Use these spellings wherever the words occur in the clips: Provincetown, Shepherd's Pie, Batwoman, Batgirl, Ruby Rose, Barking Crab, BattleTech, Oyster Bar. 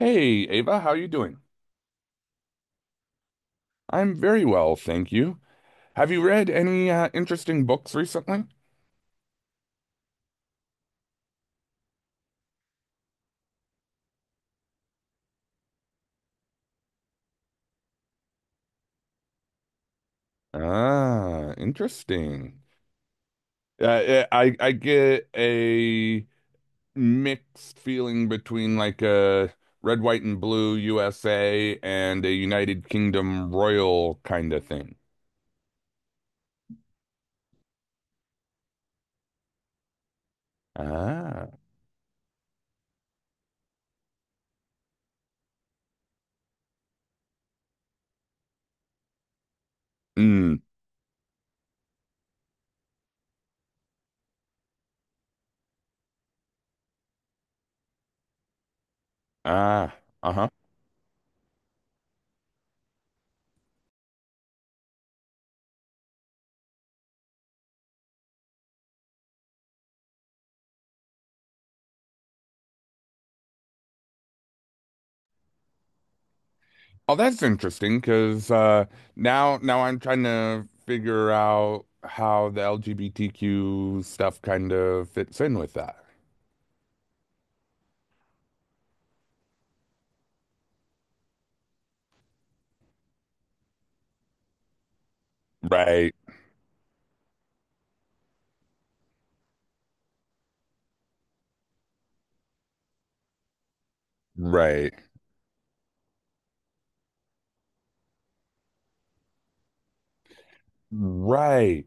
Hey, Ava, how you doing? I'm very well, thank you. Have you read any interesting books recently? Ah, interesting. I get a mixed feeling between like a red, white, and blue USA and a United Kingdom royal kind of thing. Ah, mm, ah, uh-huh. Oh, that's interesting because now I'm trying to figure out how the LGBTQ stuff kind of fits in with that. Right, right, right.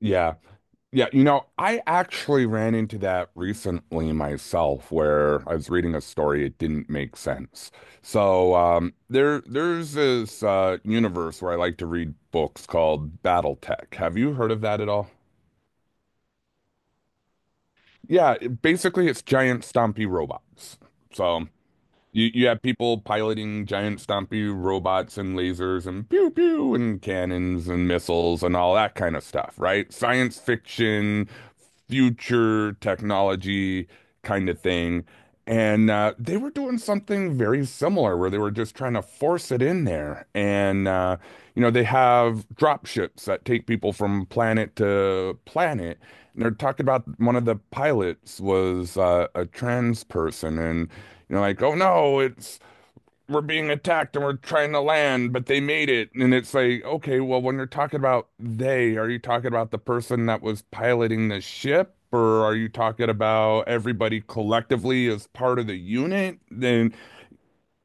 Yeah, yeah. You know, I actually ran into that recently myself, where I was reading a story. It didn't make sense. So there's this universe where I like to read books called BattleTech. Have you heard of that at all? Yeah, basically it's giant stompy robots. So you have people piloting giant stompy robots and lasers and pew pew and cannons and missiles and all that kind of stuff, right? Science fiction, future technology kind of thing. And they were doing something very similar where they were just trying to force it in there. And you know, they have drop ships that take people from planet to planet. And they're talking about one of the pilots was a trans person and you're like, oh no, it's we're being attacked and we're trying to land, but they made it. And it's like, okay, well, when you're talking about they, are you talking about the person that was piloting the ship? Or are you talking about everybody collectively as part of the unit? Then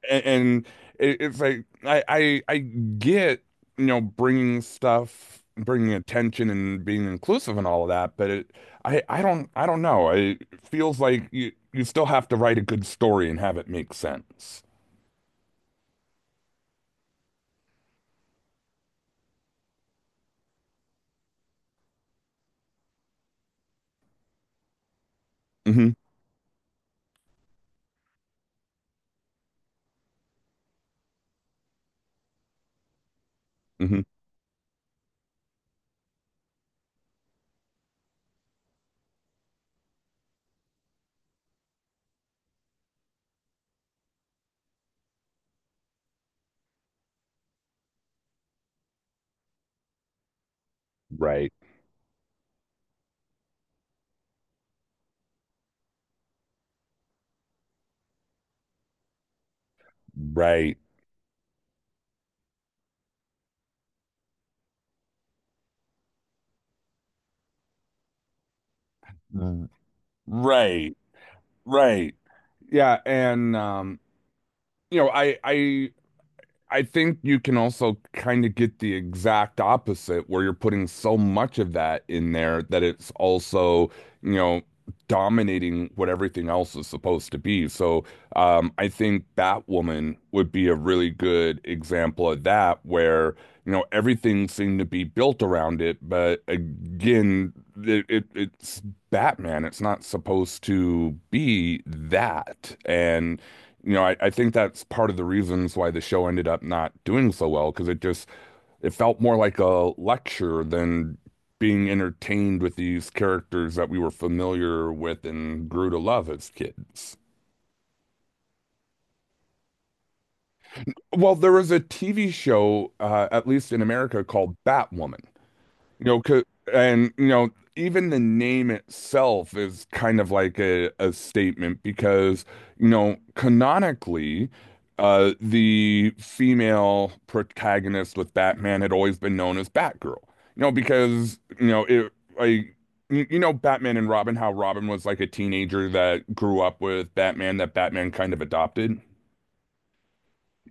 and it's like I get you know bringing stuff, bringing attention, and being inclusive and all of that, but it I don't I don't know. It feels like you still have to write a good story and have it make sense. hmm hmm Right. Right. r- Right. Right. Yeah, and you know, I think you can also kind of get the exact opposite where you're putting so much of that in there that it's also, you know, dominating what everything else is supposed to be. So, I think Batwoman would be a really good example of that where, you know, everything seemed to be built around it, but again, it's Batman. It's not supposed to be that. And you know, I think that's part of the reasons why the show ended up not doing so well, because it just it felt more like a lecture than being entertained with these characters that we were familiar with and grew to love as kids. Well, there was a TV show, at least in America, called Batwoman. You know, 'cause- and you know, even the name itself is kind of like a statement because, you know, canonically, the female protagonist with Batman had always been known as Batgirl. You know, because, you know, it like you know Batman and Robin, how Robin was like a teenager that grew up with Batman, that Batman kind of adopted.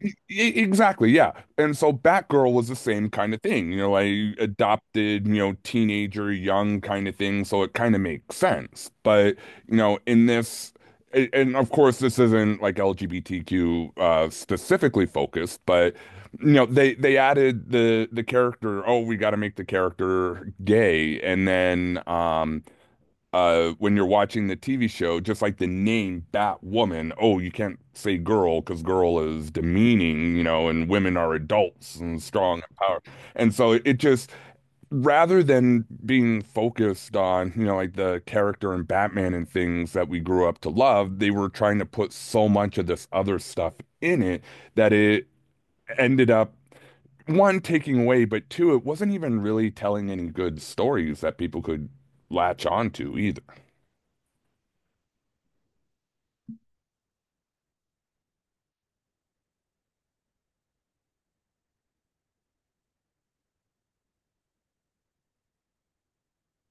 Exactly, yeah. And so Batgirl was the same kind of thing, you know, I adopted, you know, teenager, young kind of thing, so it kind of makes sense. But, you know, in this, and of course, this isn't like LGBTQ specifically focused, but you know, they added the character. Oh, we got to make the character gay, and then when you're watching the TV show, just like the name Batwoman, oh, you can't say girl because girl is demeaning, you know, and women are adults and strong and power. And so it just rather than being focused on, you know, like the character and Batman and things that we grew up to love, they were trying to put so much of this other stuff in it that it ended up one taking away, but two, it wasn't even really telling any good stories that people could latch on to either.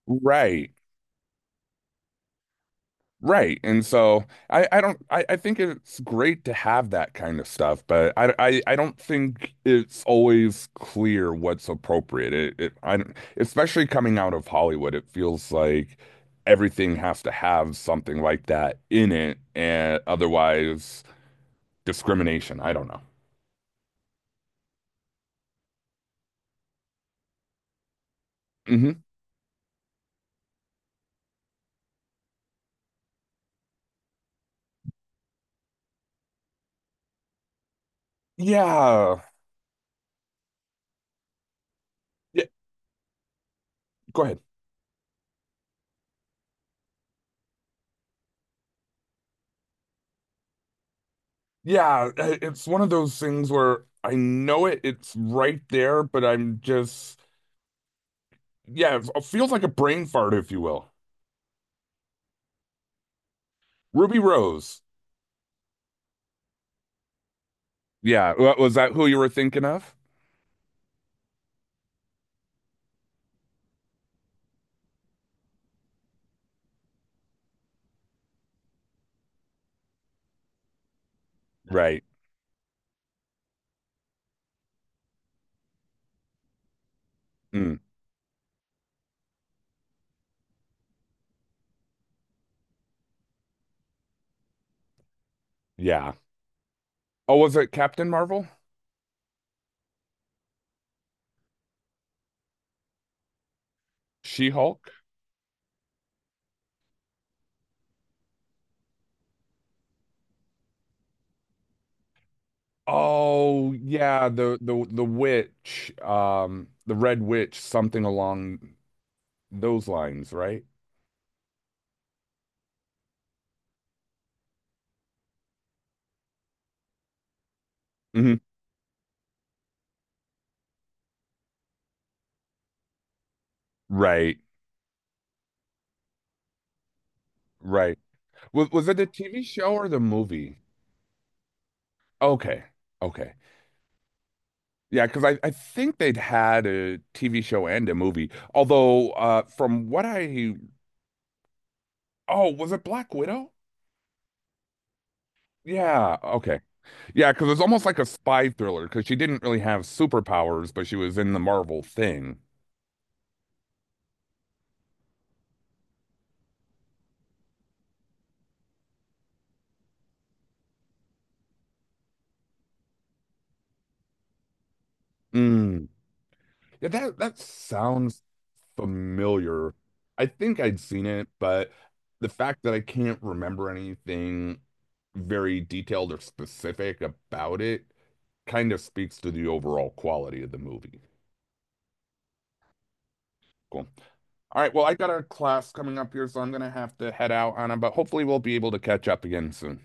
Right, right. And so I don't I, think it's great to have that kind of stuff, but I don't think it's always clear what's appropriate. It I don't, especially coming out of Hollywood, it feels like everything has to have something like that in it, and otherwise discrimination. I don't know. hmm Yeah. Yeah. Go ahead. Yeah, it's one of those things where I know it's right there, but I'm just yeah, it feels like a brain fart, if you will. Ruby Rose. Yeah, was that who you were thinking of? Right. Mm, yeah. Oh, was it Captain Marvel? She-Hulk? Oh, yeah, the witch, the Red Witch, something along those lines, right? hmm Right, right. Was it the TV show or the movie? Okay, okay. Yeah, because I think they'd had a TV show and a movie. Although, from what I oh, was it Black Widow? Yeah, okay. Yeah, because it's almost like a spy thriller because she didn't really have superpowers, but she was in the Marvel thing. Mm. Yeah, that sounds familiar. I think I'd seen it, but the fact that I can't remember anything very detailed or specific about it kind of speaks to the overall quality of the movie. Cool. All right, well, I got a class coming up here, so I'm gonna have to head out on it, but hopefully we'll be able to catch up again soon.